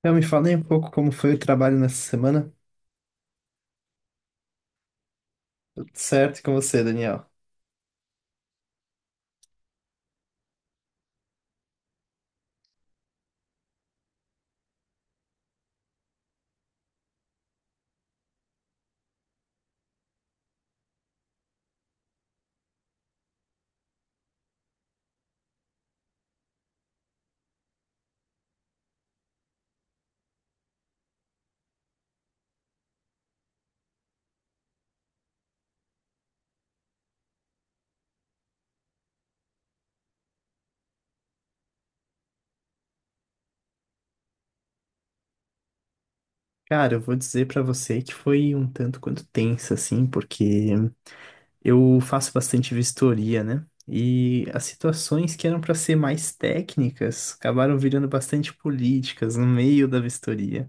Então, me fala aí um pouco como foi o trabalho nessa semana. Tudo certo e com você, Daniel? Cara, eu vou dizer pra você que foi um tanto quanto tensa, assim, porque eu faço bastante vistoria, né? E as situações que eram pra ser mais técnicas acabaram virando bastante políticas no meio da vistoria.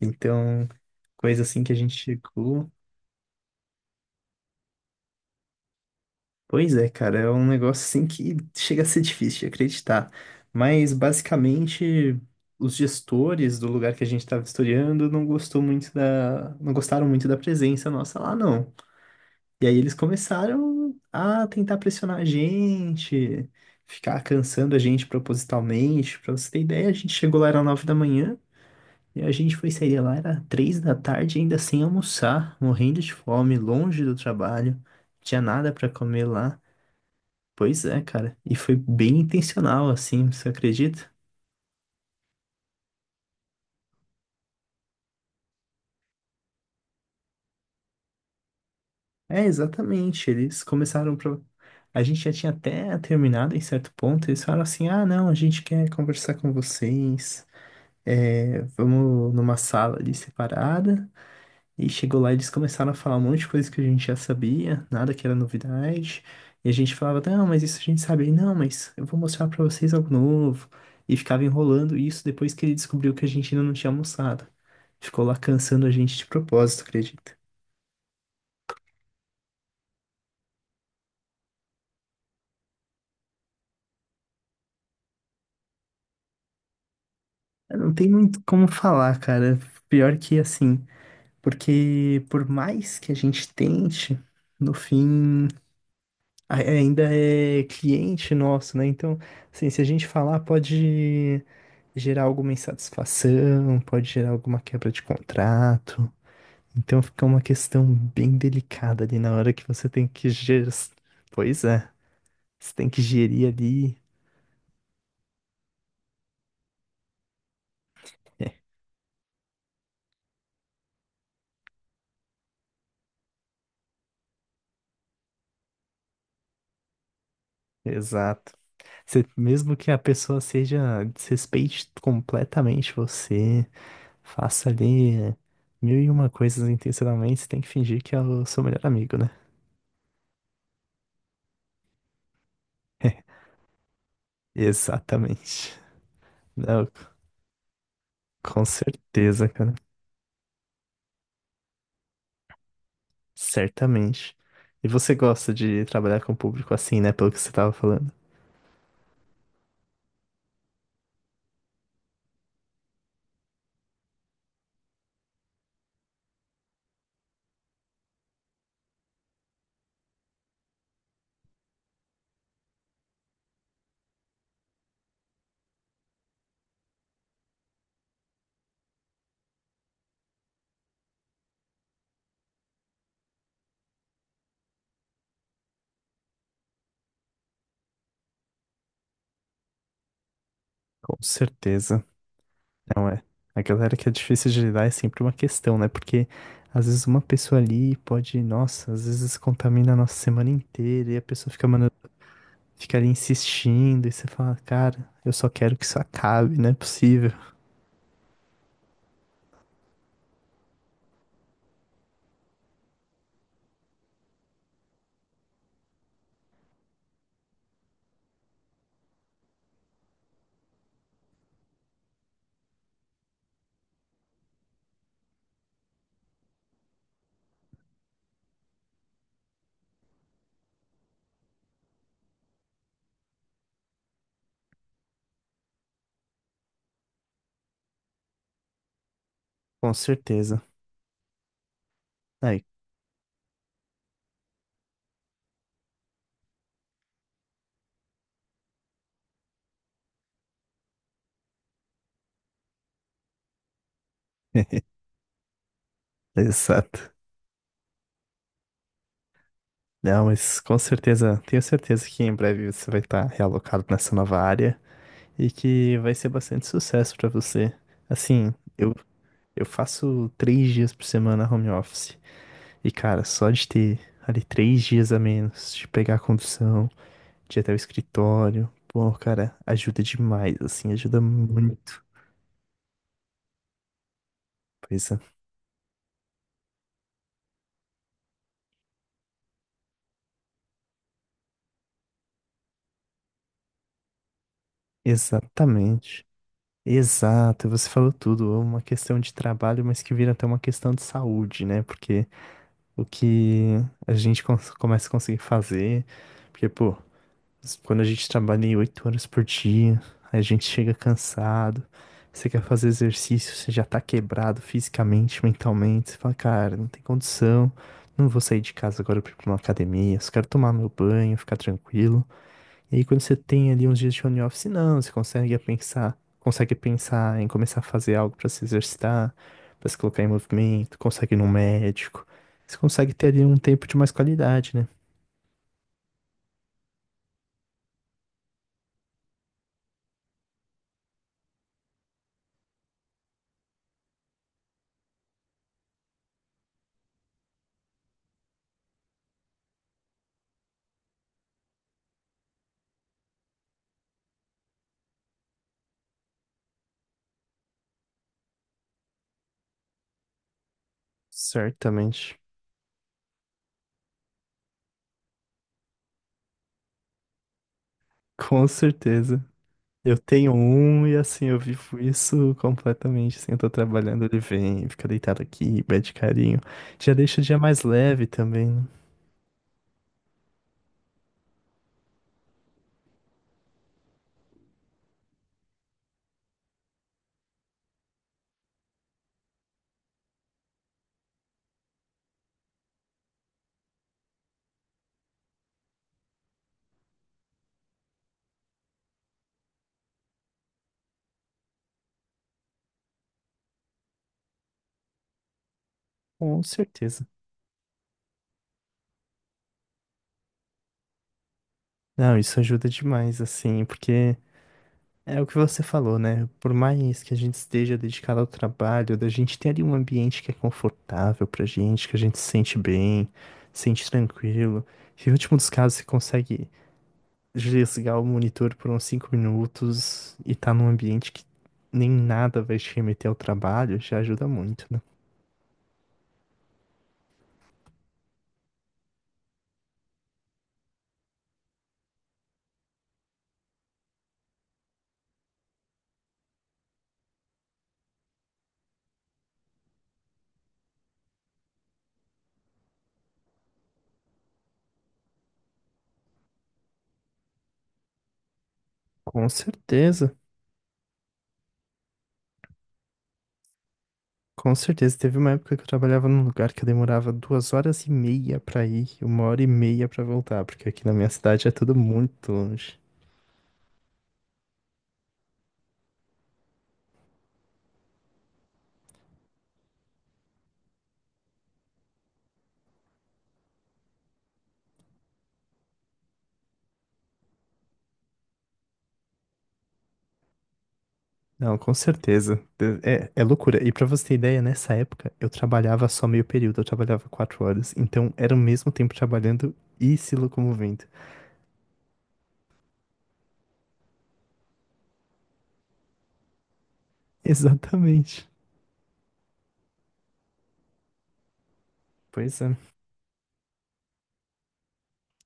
Então, coisa assim que a gente chegou. Pois é, cara, é um negócio assim que chega a ser difícil de acreditar. Mas basicamente os gestores do lugar que a gente estava vistoriando não gostaram muito da presença nossa lá, não. E aí eles começaram a tentar pressionar a gente, ficar cansando a gente propositalmente. Pra você ter ideia, a gente chegou lá era 9 da manhã e a gente foi sair lá era 3 da tarde ainda sem almoçar, morrendo de fome, longe do trabalho, tinha nada para comer lá. Pois é, cara. E foi bem intencional, assim, você acredita? É, exatamente. Eles começaram pro... A gente já tinha até terminado em certo ponto. Eles falaram assim: ah, não, a gente quer conversar com vocês. É, vamos numa sala ali separada. E chegou lá, eles começaram a falar um monte de coisa que a gente já sabia, nada que era novidade. E a gente falava: não, mas isso a gente sabe. E, não, mas eu vou mostrar pra vocês algo novo. E ficava enrolando isso depois que ele descobriu que a gente ainda não tinha almoçado. Ficou lá cansando a gente de propósito, acredita? Eu Não tem muito como falar, cara. Pior que assim, porque por mais que a gente tente, no fim, ainda é cliente nosso, né? Então, assim, se a gente falar, pode gerar alguma insatisfação, pode gerar alguma quebra de contrato. Então, fica uma questão bem delicada ali na hora que você tem que gerir. Pois é, você tem que gerir ali. Exato. Você- mesmo que a pessoa seja, desrespeite completamente você, faça ali mil e uma coisas intencionalmente, você tem que fingir que é o seu melhor amigo, né? Exatamente. Não, com certeza, cara. Certamente. E você gosta de trabalhar com o público assim, né? Pelo que você tava falando. Com certeza. Não é. A galera que é difícil de lidar é sempre uma questão, né? Porque às vezes uma pessoa ali pode, nossa, às vezes contamina a nossa semana inteira e a pessoa fica mandando. Fica ali insistindo e você fala, cara, eu só quero que isso acabe, não é possível. Com certeza. Aí. Exato. Não, mas com certeza, tenho certeza que em breve você vai estar realocado nessa nova área e que vai ser bastante sucesso pra você. Assim, eu faço 3 dias por semana home office. E, cara, só de ter ali 3 dias a menos, de pegar a condução, de ir até o escritório, pô, cara, ajuda demais, assim, ajuda muito. Pois é. Exatamente. Exato, você falou tudo. É uma questão de trabalho, mas que vira até uma questão de saúde, né? Porque o que a gente começa a conseguir fazer, porque, pô, quando a gente trabalha em 8 horas por dia, a gente chega cansado, você quer fazer exercício, você já tá quebrado fisicamente, mentalmente, você fala, cara, não tem condição, não vou sair de casa agora pra ir pra uma academia, só quero tomar meu banho, ficar tranquilo. E aí, quando você tem ali uns dias de home office, não, você consegue pensar em começar a fazer algo para se exercitar, para se colocar em movimento, consegue ir num médico. Você consegue ter ali um tempo de mais qualidade, né? Certamente. Com certeza. Eu tenho um e assim, eu vivo isso completamente. Assim, eu tô trabalhando, ele vem, fica deitado aqui, pede carinho. Já deixa o dia mais leve também, né? Com certeza. Não, isso ajuda demais, assim, porque é o que você falou, né? Por mais que a gente esteja dedicado ao trabalho, da gente ter ali um ambiente que é confortável pra gente, que a gente se sente bem, se sente tranquilo. E no último dos casos, você consegue desligar o monitor por uns 5 minutos e tá num ambiente que nem nada vai te remeter ao trabalho, já ajuda muito, né? Com certeza, com certeza. Teve uma época que eu trabalhava num lugar que eu demorava 2 horas e meia pra ir e 1 hora e meia pra voltar, porque aqui na minha cidade é tudo muito longe. Não, com certeza. É, é loucura. E pra você ter ideia, nessa época eu trabalhava só meio período, eu trabalhava 4 horas. Então era o mesmo tempo trabalhando e se locomovendo. Exatamente. Pois é,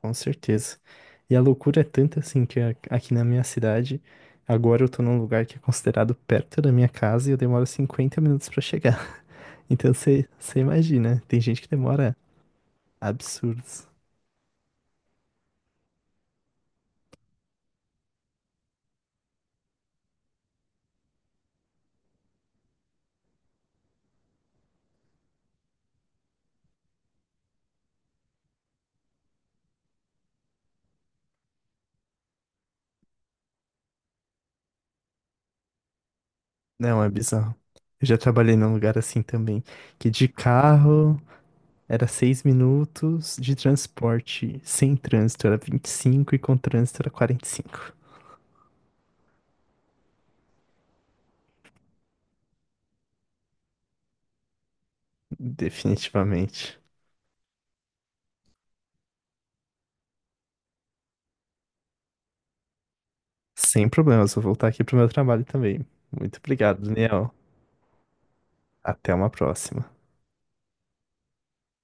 com certeza. E a loucura é tanta assim que aqui na minha cidade, agora eu tô num lugar que é considerado perto da minha casa e eu demoro 50 minutos pra chegar. Então você imagina, tem gente que demora absurdos. Não, é bizarro. Eu já trabalhei num lugar assim também, que de carro. Era 6 minutos de transporte. Sem trânsito era 25 e com trânsito era 45. Definitivamente. Sem problemas, vou voltar aqui pro meu trabalho também. Muito obrigado, Daniel. Até uma próxima.